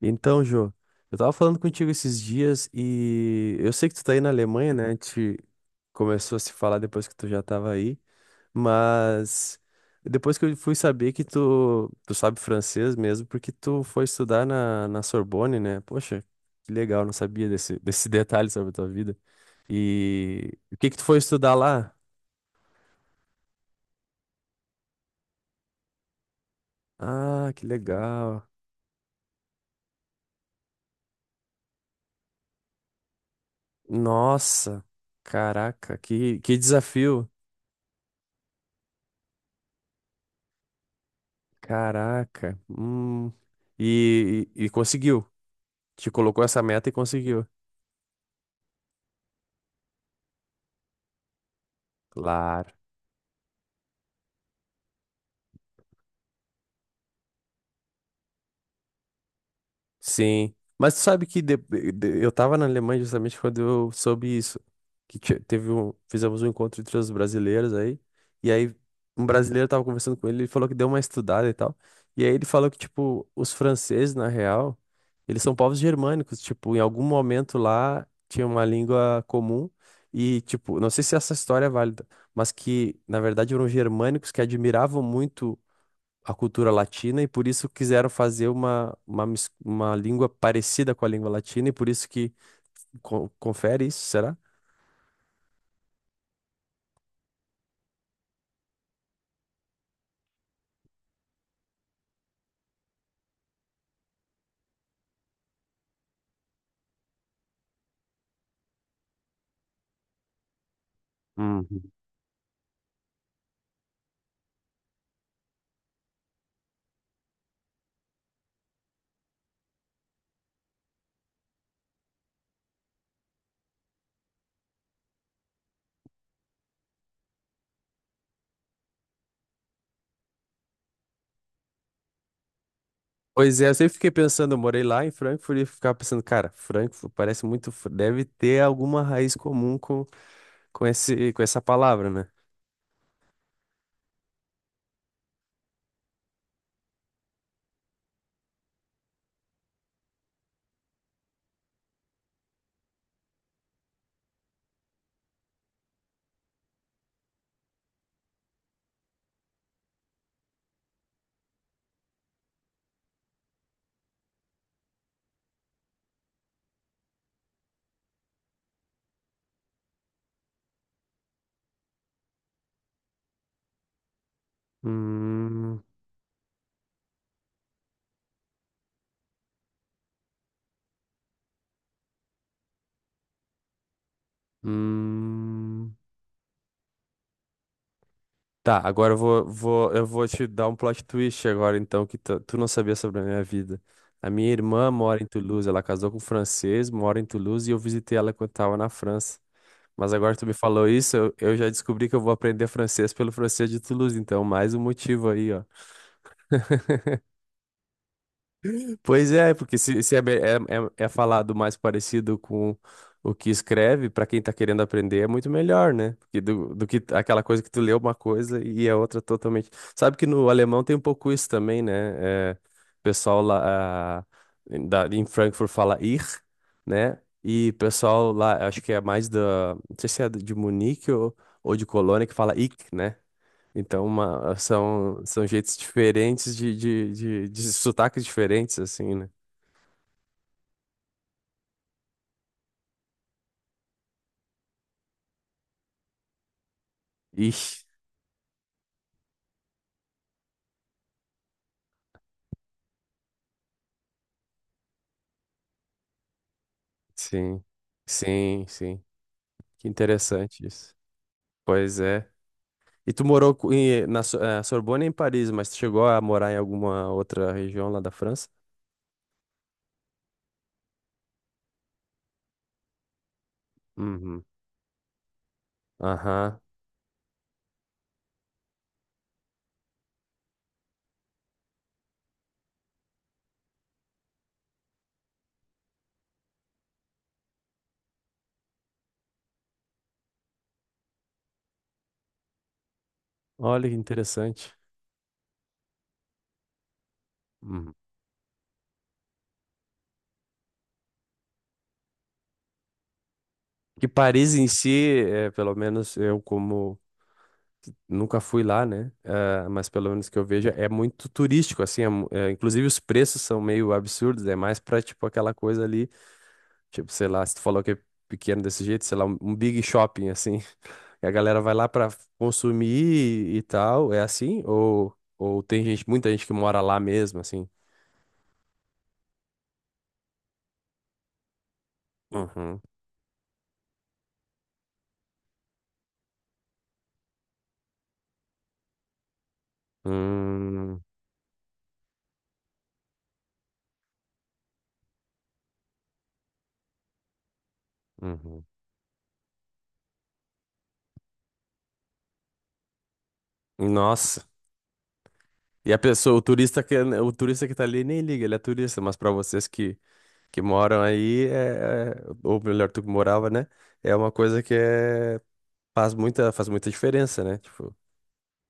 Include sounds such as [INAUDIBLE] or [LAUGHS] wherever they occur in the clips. Então, Jô, eu tava falando contigo esses dias e eu sei que tu tá aí na Alemanha, né? A gente começou a se falar depois que tu já tava aí, mas depois que eu fui saber que tu sabe francês mesmo, porque tu foi estudar na Sorbonne, né? Poxa, que legal, não sabia desse, [LAUGHS] desse detalhe sobre a tua vida. E o que que tu foi estudar lá? Ah, que legal. Nossa, caraca, que desafio. Caraca. Hum. E conseguiu. Te colocou essa meta e conseguiu. Claro. Sim, mas tu sabe que eu tava na Alemanha justamente quando eu soube isso, que teve um, fizemos um encontro entre os brasileiros aí, e aí um brasileiro tava conversando com ele, ele falou que deu uma estudada e tal, e aí ele falou que, tipo, os franceses, na real, eles são povos germânicos, tipo, em algum momento lá tinha uma língua comum, e, tipo, não sei se essa história é válida, mas que, na verdade, eram germânicos que admiravam muito a cultura latina e por isso quiseram fazer uma língua parecida com a língua latina e por isso que confere isso, será? Uhum. Pois é, eu sempre fiquei pensando, eu morei lá em Frankfurt e ficava pensando, cara, Frankfurt parece muito, deve ter alguma raiz comum com esse, com essa palavra, né? Hum, hum. Tá, agora eu vou te dar um plot twist agora, então, que tu não sabia sobre a minha vida. A minha irmã mora em Toulouse, ela casou com um francês, mora em Toulouse e eu visitei ela quando tava na França. Mas agora que tu me falou isso, eu já descobri que eu vou aprender francês pelo francês de Toulouse, então mais um motivo aí, ó. Pois é, porque se é, é, é falado mais parecido com o que escreve, para quem tá querendo aprender, é muito melhor, né? Porque do que aquela coisa que tu lê uma coisa e é outra totalmente. Sabe que no alemão tem um pouco isso também, né? É, o pessoal lá em Frankfurt fala ir, né? E o pessoal lá, acho que é mais da. Não sei se é de Munique ou de Colônia que fala ich, né? Então, são jeitos diferentes de sotaques diferentes, assim, né? Ixi, sim, sim, sim. Que interessante isso. Pois é. E tu morou na Sorbonne é em Paris, mas tu chegou a morar em alguma outra região lá da França? Uhum. Aham. Olha que interessante. Uhum. Que Paris em si, é, pelo menos eu, como nunca fui lá, né? Ah, mas pelo menos que eu veja, é muito turístico, assim. É, inclusive, os preços são meio absurdos. É mais pra, tipo, aquela coisa ali. Tipo, sei lá, se tu falou que é pequeno desse jeito, sei lá, um big shopping, assim. [LAUGHS] E a galera vai lá pra consumir e tal. É assim? Ou tem gente, muita gente que mora lá mesmo, assim? Uhum. Hum, uhum. Nossa. E a pessoa, o turista que tá ali nem liga, ele é turista, mas pra vocês que moram aí, ou melhor, tu que morava, né? É uma coisa que é, faz muita diferença, né? Tipo,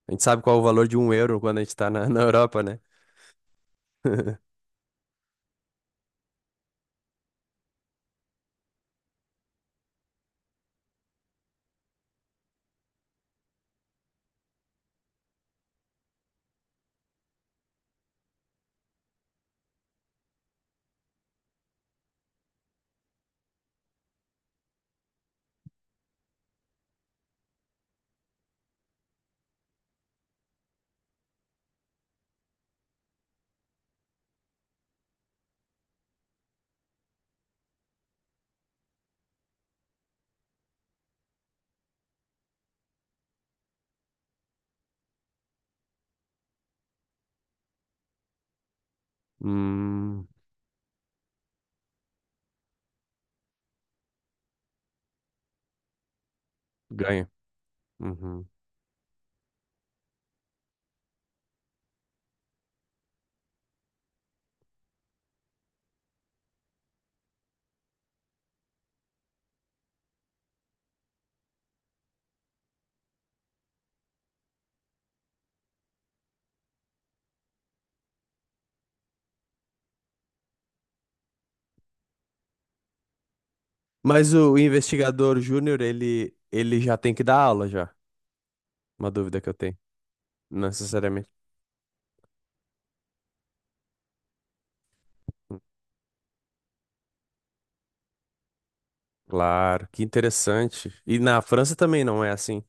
a gente sabe qual é o valor de um euro quando a gente tá na, [LAUGHS] na Europa, né? [LAUGHS] Hum, ganha. Uhum. Mas o investigador júnior, ele já tem que dar aula já. Uma dúvida que eu tenho. Não necessariamente. Claro, que interessante. E na França também não é assim.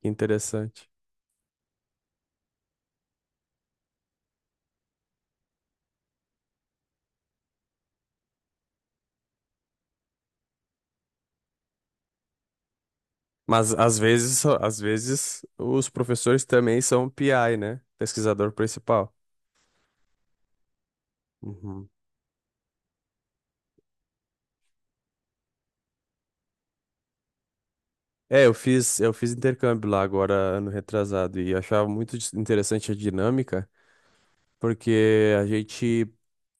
Que interessante. Mas às vezes, às vezes os professores também são PI, né? Pesquisador principal. Uhum. É, eu fiz intercâmbio lá agora, ano retrasado, e eu achava muito interessante a dinâmica. Porque a gente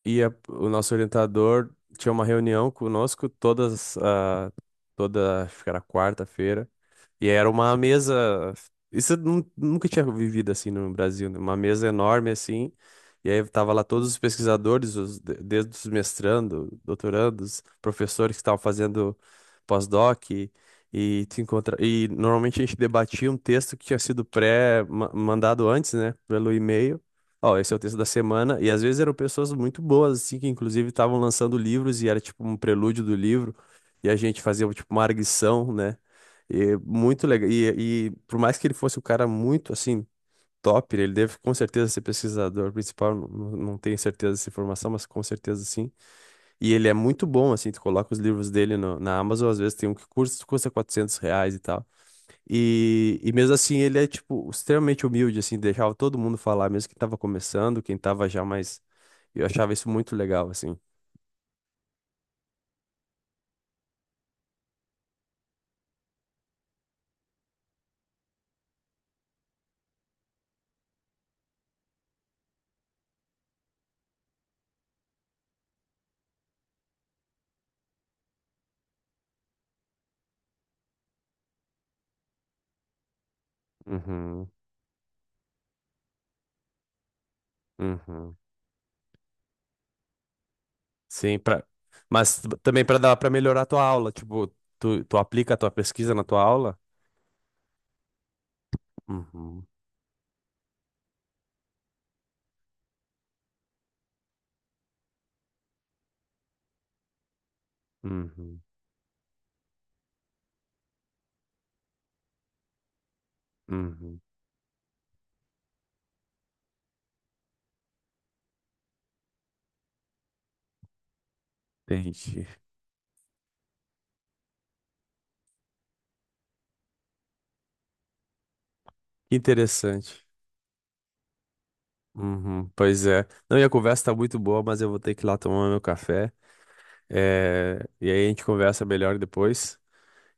ia, o nosso orientador tinha uma reunião conosco toda, acho que era quarta-feira, e era uma mesa, isso eu nunca tinha vivido assim no Brasil, né? Uma mesa enorme assim, e aí tava lá todos os pesquisadores, desde os mestrando, doutorandos, professores que estavam fazendo pós-doc, e normalmente a gente debatia um texto que tinha sido pré-mandado antes, né, pelo e-mail. Ó, esse é o texto da semana, e às vezes eram pessoas muito boas, assim, que inclusive estavam lançando livros e era tipo um prelúdio do livro, e a gente fazia tipo uma arguição, né? E muito legal. E por mais que ele fosse um cara muito, assim, top, ele deve com certeza ser pesquisador principal, não tenho certeza dessa informação, mas com certeza sim. E ele é muito bom, assim, tu coloca os livros dele na Amazon, às vezes tem um que custa 400 reais e tal. E mesmo assim ele é, tipo, extremamente humilde, assim, deixava todo mundo falar, mesmo quem tava começando, quem tava já mais... Eu achava isso muito legal, assim. Uhum, uhum. Sim, pra... Mas também pra dar para melhorar a tua aula, tipo, tu aplica a tua pesquisa na tua aula? Uhum, uhum, uhum. Entendi. Que interessante. Uhum, pois é. Não, e a conversa tá muito boa, mas eu vou ter que ir lá tomar meu café. É... E aí a gente conversa melhor depois.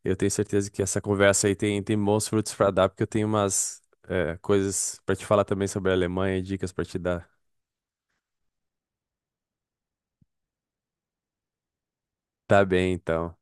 Eu tenho certeza que essa conversa aí tem bons frutos para dar, porque eu tenho umas coisas para te falar também sobre a Alemanha, dicas para te dar. Tá bem, então.